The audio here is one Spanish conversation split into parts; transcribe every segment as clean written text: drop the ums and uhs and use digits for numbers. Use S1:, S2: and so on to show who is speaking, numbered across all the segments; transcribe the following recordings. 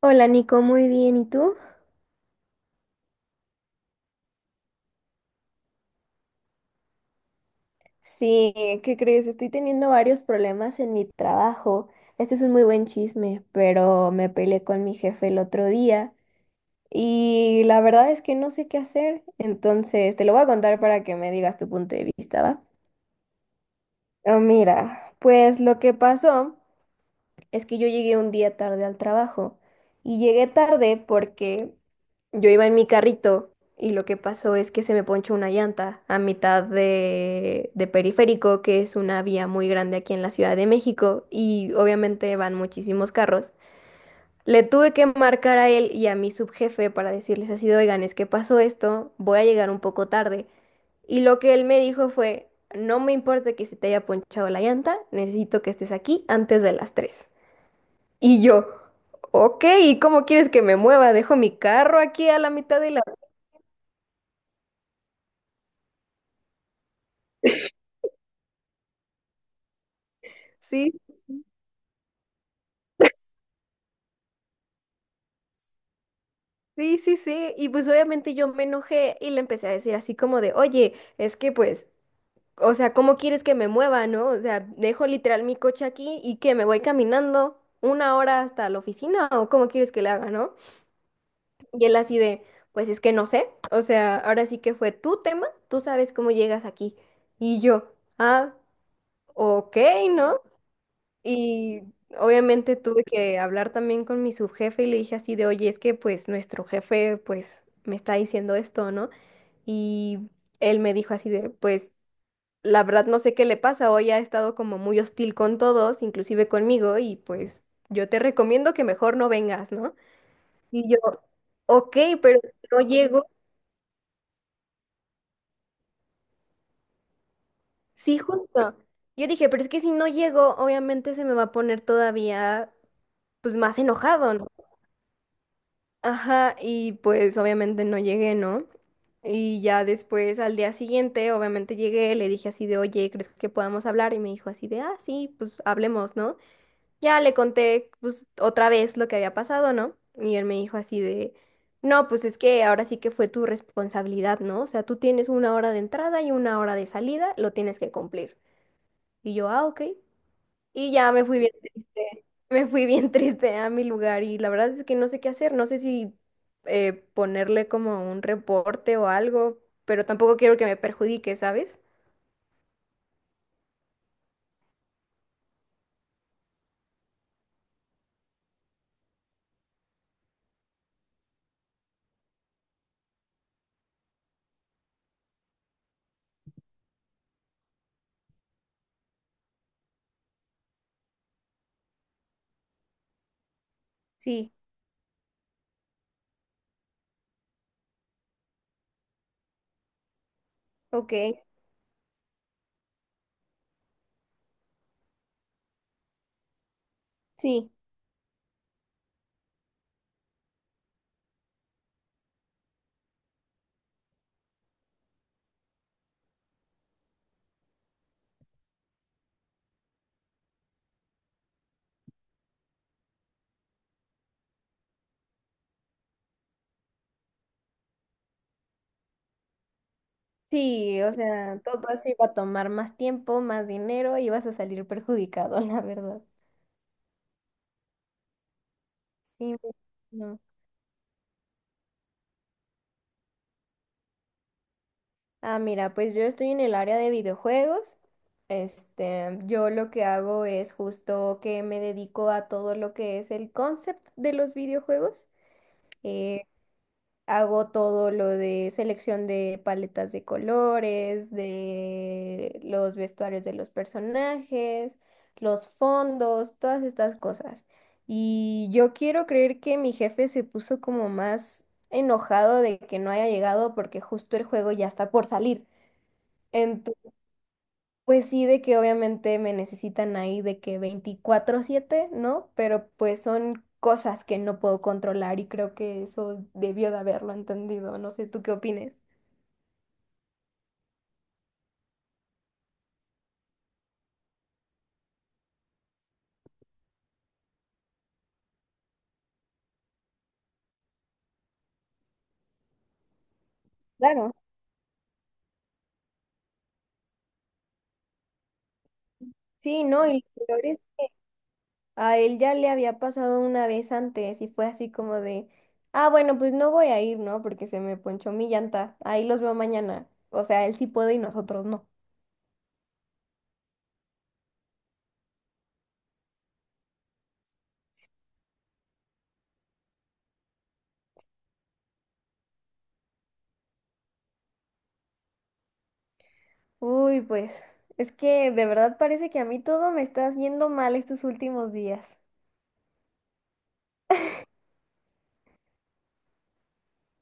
S1: Hola Nico, muy bien. ¿Y tú? Sí, ¿qué crees? Estoy teniendo varios problemas en mi trabajo. Este es un muy buen chisme, pero me peleé con mi jefe el otro día y la verdad es que no sé qué hacer. Entonces, te lo voy a contar para que me digas tu punto de vista, ¿va? Ah, mira, pues lo que pasó. Es que yo llegué un día tarde al trabajo y llegué tarde porque yo iba en mi carrito y lo que pasó es que se me ponchó una llanta a mitad de Periférico, que es una vía muy grande aquí en la Ciudad de México y obviamente van muchísimos carros. Le tuve que marcar a él y a mi subjefe para decirles así, de, oigan, es que pasó esto, voy a llegar un poco tarde. Y lo que él me dijo fue, no me importa que se te haya ponchado la llanta, necesito que estés aquí antes de las 3. Y yo, ok, ¿y cómo quieres que me mueva? Dejo mi carro aquí a la mitad de la... Sí, sí, sí, sí. Y pues obviamente yo me enojé y le empecé a decir así como de, oye, es que pues, o sea, ¿cómo quieres que me mueva, no? O sea, dejo literal mi coche aquí y que me voy caminando una hora hasta la oficina o cómo quieres que le haga, ¿no? Y él así de, pues es que no sé. O sea, ahora sí que fue tu tema, tú sabes cómo llegas aquí. Y yo, ah, ok, ¿no? Y obviamente tuve que hablar también con mi subjefe y le dije así de, oye, es que pues nuestro jefe pues me está diciendo esto, ¿no? Y él me dijo así de, pues la verdad no sé qué le pasa, hoy ha estado como muy hostil con todos, inclusive conmigo, y pues yo te recomiendo que mejor no vengas, ¿no? Y yo, ok, pero si no llego, sí, justo. Yo dije, pero es que si no llego, obviamente se me va a poner todavía pues más enojado, ¿no? Ajá, y pues obviamente no llegué, ¿no? Y ya después, al día siguiente, obviamente llegué, le dije así de, oye, ¿crees que podamos hablar? Y me dijo así de, ah, sí, pues hablemos, ¿no? Ya le conté, pues, otra vez lo que había pasado, ¿no? Y él me dijo así de, no, pues es que ahora sí que fue tu responsabilidad, ¿no? O sea, tú tienes una hora de entrada y una hora de salida, lo tienes que cumplir. Y yo, ah, ok. Y ya me fui bien triste, me fui bien triste a mi lugar y la verdad es que no sé qué hacer, no sé si ponerle como un reporte o algo, pero tampoco quiero que me perjudique, ¿sabes? Sí, ok, sí, sí, o sea, todo eso iba a tomar más tiempo, más dinero y vas a salir perjudicado, la verdad. Sí, no. Ah, mira, pues yo estoy en el área de videojuegos. Este, yo lo que hago es justo que me dedico a todo lo que es el concept de los videojuegos. Eh, Hago todo lo de selección de paletas de colores, de los vestuarios de los personajes, los fondos, todas estas cosas. Y yo quiero creer que mi jefe se puso como más enojado de que no haya llegado porque justo el juego ya está por salir. Pues sí, de que obviamente me necesitan ahí de que 24/7, ¿no? Pero pues son cosas que no puedo controlar y creo que eso debió de haberlo entendido. No sé, ¿tú qué opines? Claro. Sí, no, y lo peor es, a él ya le había pasado una vez antes y fue así como de, ah, bueno, pues no voy a ir, ¿no? Porque se me ponchó mi llanta, ahí los veo mañana. O sea, él sí puede y nosotros no. Uy, pues, es que de verdad parece que a mí todo me está yendo mal estos últimos días.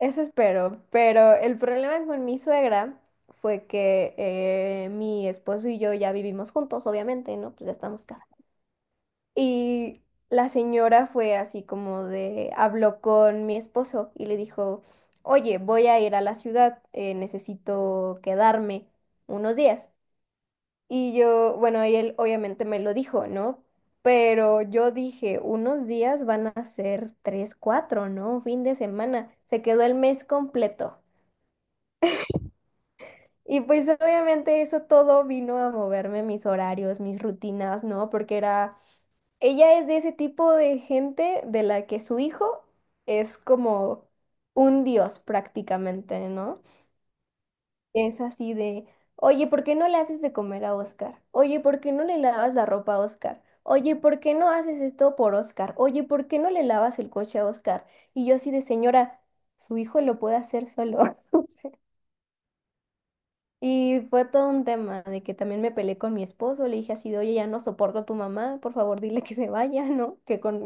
S1: Eso espero, pero el problema con mi suegra fue que mi esposo y yo ya vivimos juntos, obviamente, ¿no? Pues ya estamos casados. Y la señora fue así como de, habló con mi esposo y le dijo, oye, voy a ir a la ciudad, necesito quedarme unos días. Y yo, bueno, y él obviamente me lo dijo, ¿no? Pero yo dije, unos días van a ser tres, cuatro, ¿no? Un fin de semana. Se quedó el mes completo. Y pues obviamente eso todo vino a moverme mis horarios, mis rutinas, ¿no? Porque era, ella es de ese tipo de gente de la que su hijo es como un dios prácticamente, ¿no? Es así de, oye, ¿por qué no le haces de comer a Oscar? Oye, ¿por qué no le lavas la ropa a Oscar? Oye, ¿por qué no haces esto por Oscar? Oye, ¿por qué no le lavas el coche a Oscar? Y yo así de, señora, su hijo lo puede hacer solo. Y fue todo un tema de que también me peleé con mi esposo, le dije así de, oye, ya no soporto a tu mamá, por favor dile que se vaya, ¿no? Que con,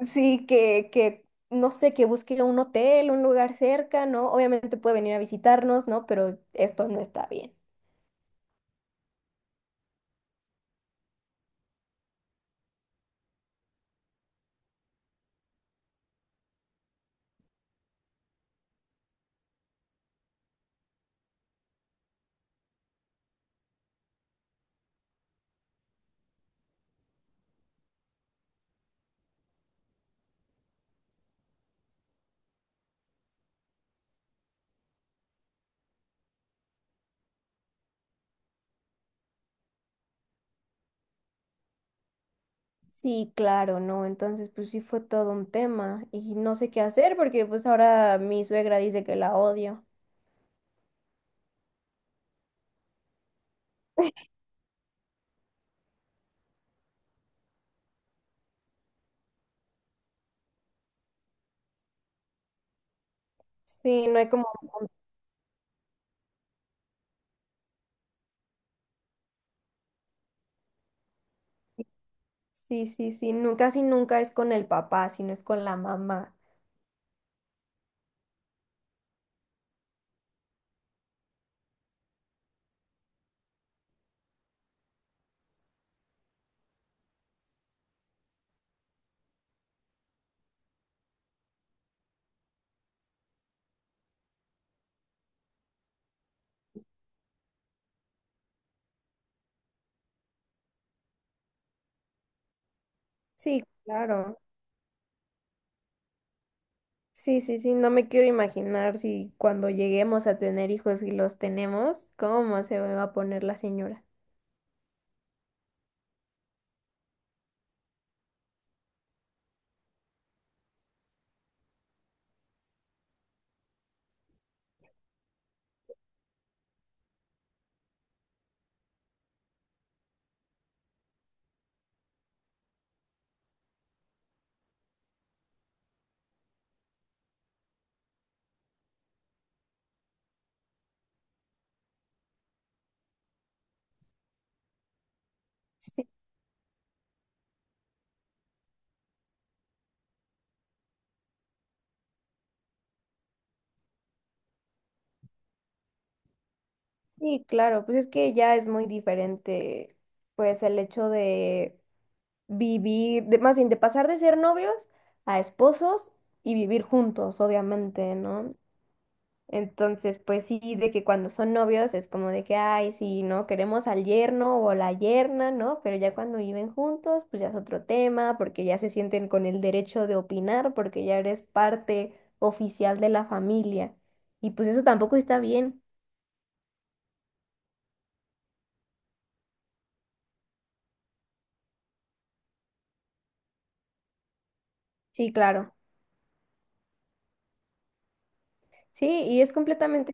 S1: sí, que, no sé, que busque un hotel, un lugar cerca, ¿no? Obviamente puede venir a visitarnos, ¿no? Pero esto no está bien. Sí, claro, ¿no? Entonces, pues sí fue todo un tema y no sé qué hacer porque pues ahora mi suegra dice que la odio. Sí, no hay como, sí, sí, sí, nunca, casi nunca es con el papá, sino es con la mamá. Sí, claro. Sí, sí, sí, no me quiero imaginar si cuando lleguemos a tener hijos y los tenemos, cómo se va a poner la señora. Sí, sí, claro, pues es que ya es muy diferente, pues el hecho de vivir, de, más bien de pasar de ser novios a esposos y vivir juntos, obviamente, ¿no? Entonces, pues sí, de que cuando son novios es como de que, ay, sí, no, queremos al yerno o la yerna, ¿no? Pero ya cuando viven juntos, pues ya es otro tema, porque ya se sienten con el derecho de opinar, porque ya eres parte oficial de la familia. Y pues eso tampoco está bien. Sí, claro. Sí, y es completamente,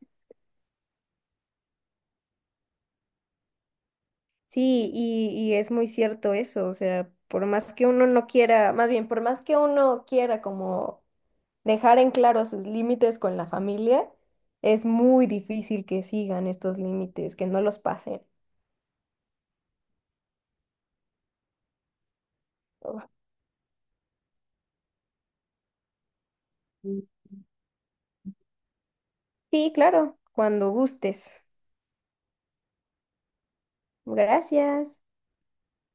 S1: sí, y es muy cierto eso, o sea, por más que uno no quiera, más bien, por más que uno quiera como dejar en claro sus límites con la familia es muy difícil que sigan estos límites, que no los pasen. Oh. Sí, claro, cuando gustes. Gracias.